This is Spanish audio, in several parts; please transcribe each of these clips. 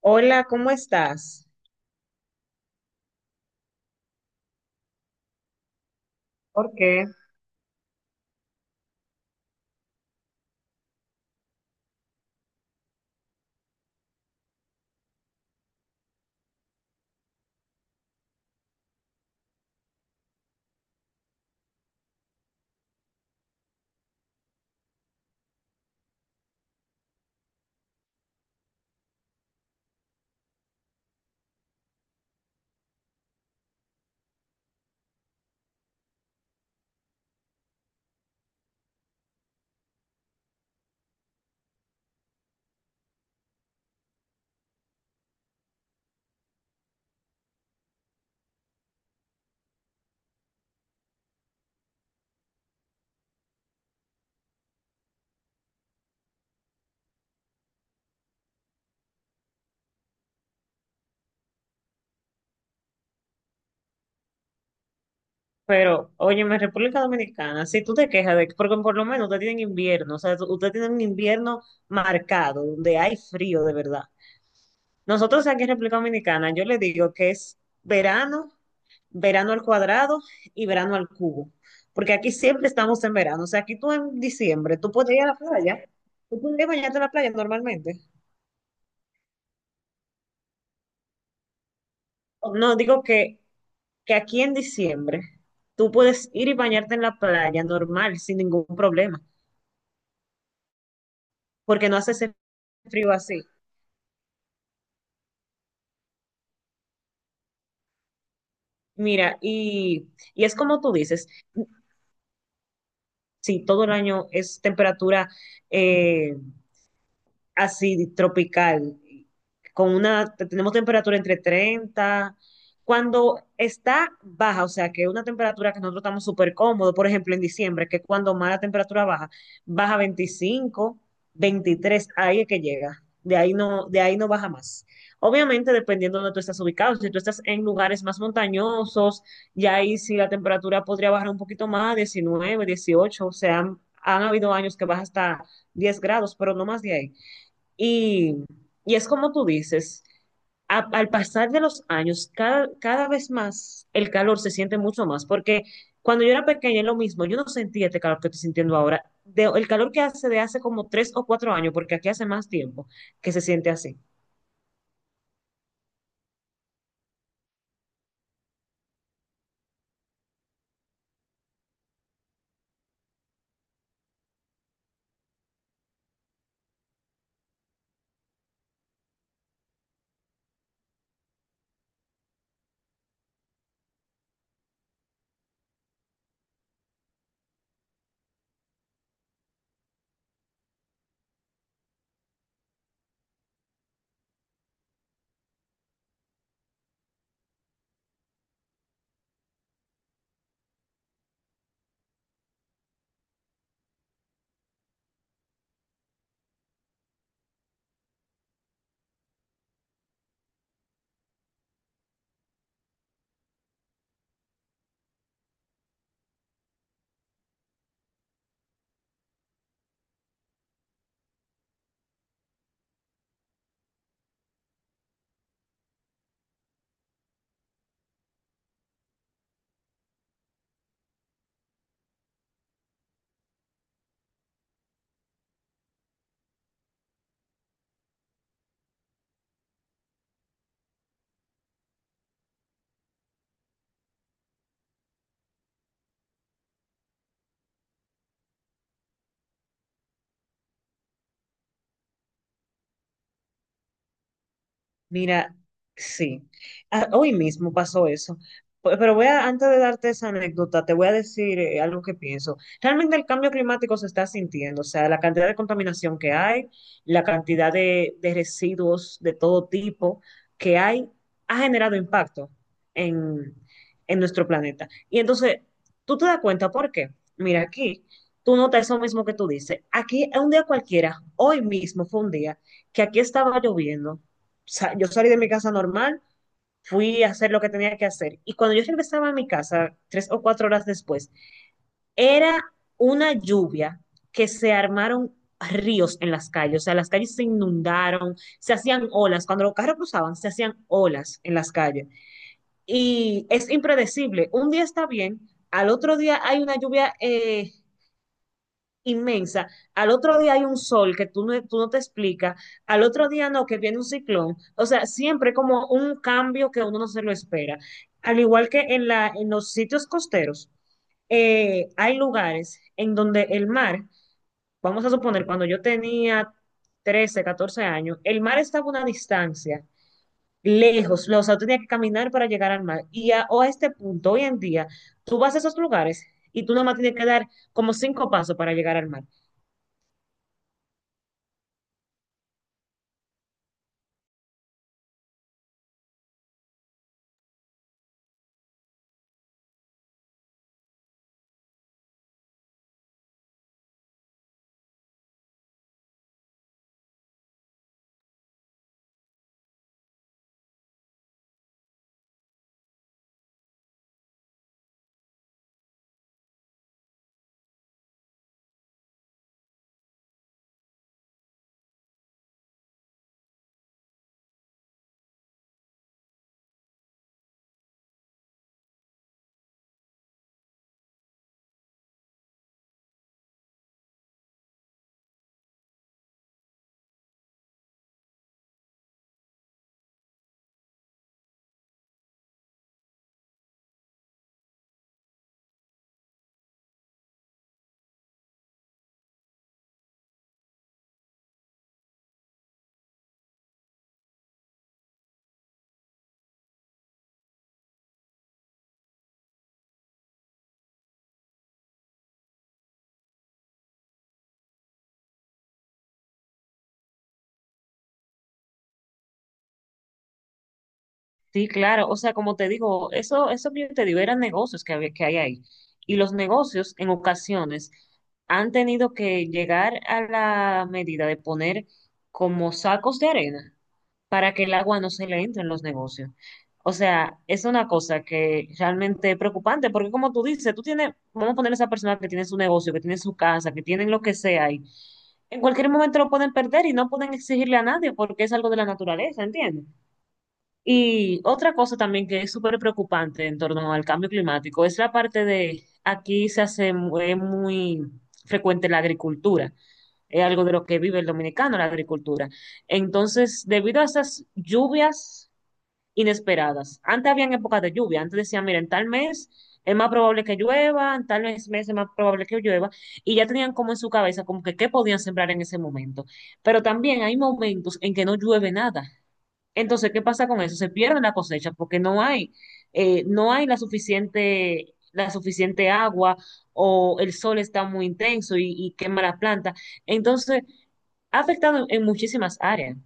Hola, ¿cómo estás? ¿Por qué? Pero, oye, en República Dominicana, si tú te quejas de que, porque por lo menos ustedes tienen invierno, o sea, ustedes tienen un invierno marcado, donde hay frío de verdad. Nosotros aquí en República Dominicana, yo le digo que es verano, verano al cuadrado y verano al cubo, porque aquí siempre estamos en verano, o sea, aquí tú en diciembre, tú puedes ir a la playa, tú puedes ir a bañarte a la playa normalmente. No, digo que aquí en diciembre tú puedes ir y bañarte en la playa normal, sin ningún problema, porque no hace ese frío así. Mira, y es como tú dices, sí, todo el año es temperatura eh, así tropical, con una, tenemos temperatura entre 30 cuando está baja, o sea, que una temperatura que nosotros estamos súper cómodos, por ejemplo, en diciembre, que es cuando más la temperatura baja, baja 25 23 ahí es que llega, de ahí no baja más. Obviamente, dependiendo de donde tú estás ubicado, si tú estás en lugares más montañosos, ya ahí sí la temperatura podría bajar un poquito más, 19 18 o sea, han habido años que baja hasta 10 grados, pero no más de ahí. Y, y es como tú dices, al pasar de los años, cada vez más el calor se siente mucho más, porque cuando yo era pequeña es lo mismo, yo no sentía este calor que estoy sintiendo ahora, el calor que hace de hace como 3 o 4 años, porque aquí hace más tiempo que se siente así. Mira, sí. Ah, hoy mismo pasó eso. Pero voy a, antes de darte esa anécdota, te voy a decir algo que pienso. Realmente el cambio climático se está sintiendo, o sea, la cantidad de contaminación que hay, la cantidad de residuos de todo tipo que hay, ha generado impacto en, en nuestro planeta. Y entonces, tú te das cuenta por qué. Mira, aquí, tú notas eso mismo que tú dices. Aquí, un día cualquiera, hoy mismo fue un día que aquí estaba lloviendo yo salí de mi casa normal, fui a hacer lo que tenía que hacer. Y cuando yo regresaba a mi casa, 3 o 4 horas después, era una lluvia que se armaron ríos en las calles, o sea, las calles se inundaron, se hacían olas, cuando los carros cruzaban, se hacían olas en las calles. Y es impredecible, un día está bien, al otro día hay una lluvia inmensa. Al otro día hay un sol que tú no te explicas. Al otro día no, que viene un ciclón. O sea, siempre como un cambio que uno no se lo espera. Al igual que en los sitios costeros, hay lugares en donde el mar, vamos a suponer, cuando yo tenía 13 14 años, el mar estaba a una distancia lejos, o sea, yo tenía que caminar para llegar al mar. O a este punto, hoy en día, tú vas a esos lugares y tú nomás tienes que dar como 5 pasos para llegar al mar. Sí, claro, o sea, como te digo, eso que yo te digo eran negocios que había, que hay ahí. Y los negocios en ocasiones han tenido que llegar a la medida de poner como sacos de arena para que el agua no se le entre en los negocios. O sea, es una cosa que realmente es preocupante, porque como tú dices, tú tienes, vamos a poner a esa persona que tiene su negocio, que tiene su casa, que tienen lo que sea ahí, en cualquier momento lo pueden perder y no pueden exigirle a nadie porque es algo de la naturaleza, ¿entiendes? Y otra cosa también que es súper preocupante en torno al cambio climático es la parte de, aquí se hace muy, frecuente la agricultura, es algo de lo que vive el dominicano, la agricultura. Entonces, debido a esas lluvias inesperadas, antes habían épocas de lluvia, antes decían, mira, en tal mes es más probable que llueva, en tal mes es más probable que llueva, y ya tenían como en su cabeza como que qué podían sembrar en ese momento. Pero también hay momentos en que no llueve nada. Entonces, ¿qué pasa con eso? Se pierde la cosecha porque no hay, no hay la suficiente agua o el sol está muy intenso y quema la planta. Entonces, ha afectado en muchísimas áreas.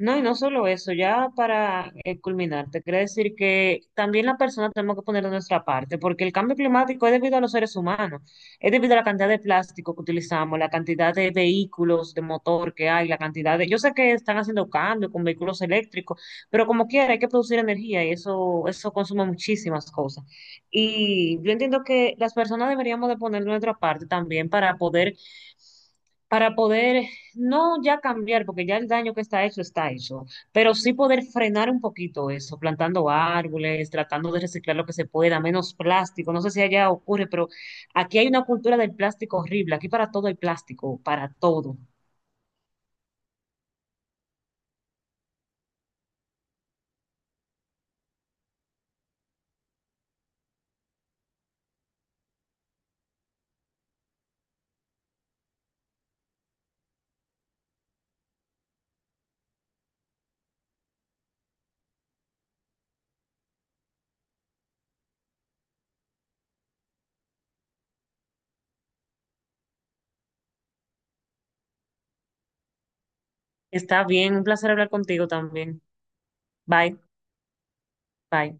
No, y no solo eso, ya para culminar, te quería decir que también la persona tenemos que poner de nuestra parte, porque el cambio climático es debido a los seres humanos, es debido a la cantidad de plástico que utilizamos, la cantidad de vehículos de motor que hay, la cantidad de... Yo sé que están haciendo cambios con vehículos eléctricos, pero como quiera hay que producir energía y eso consume muchísimas cosas. Y yo entiendo que las personas deberíamos de poner de nuestra parte también para poder, no ya cambiar, porque ya el daño que está hecho, pero sí poder frenar un poquito eso, plantando árboles, tratando de reciclar lo que se pueda, menos plástico. No sé si allá ocurre, pero aquí hay una cultura del plástico horrible. Aquí para todo hay plástico, para todo. Está bien, un placer hablar contigo también. Bye, bye.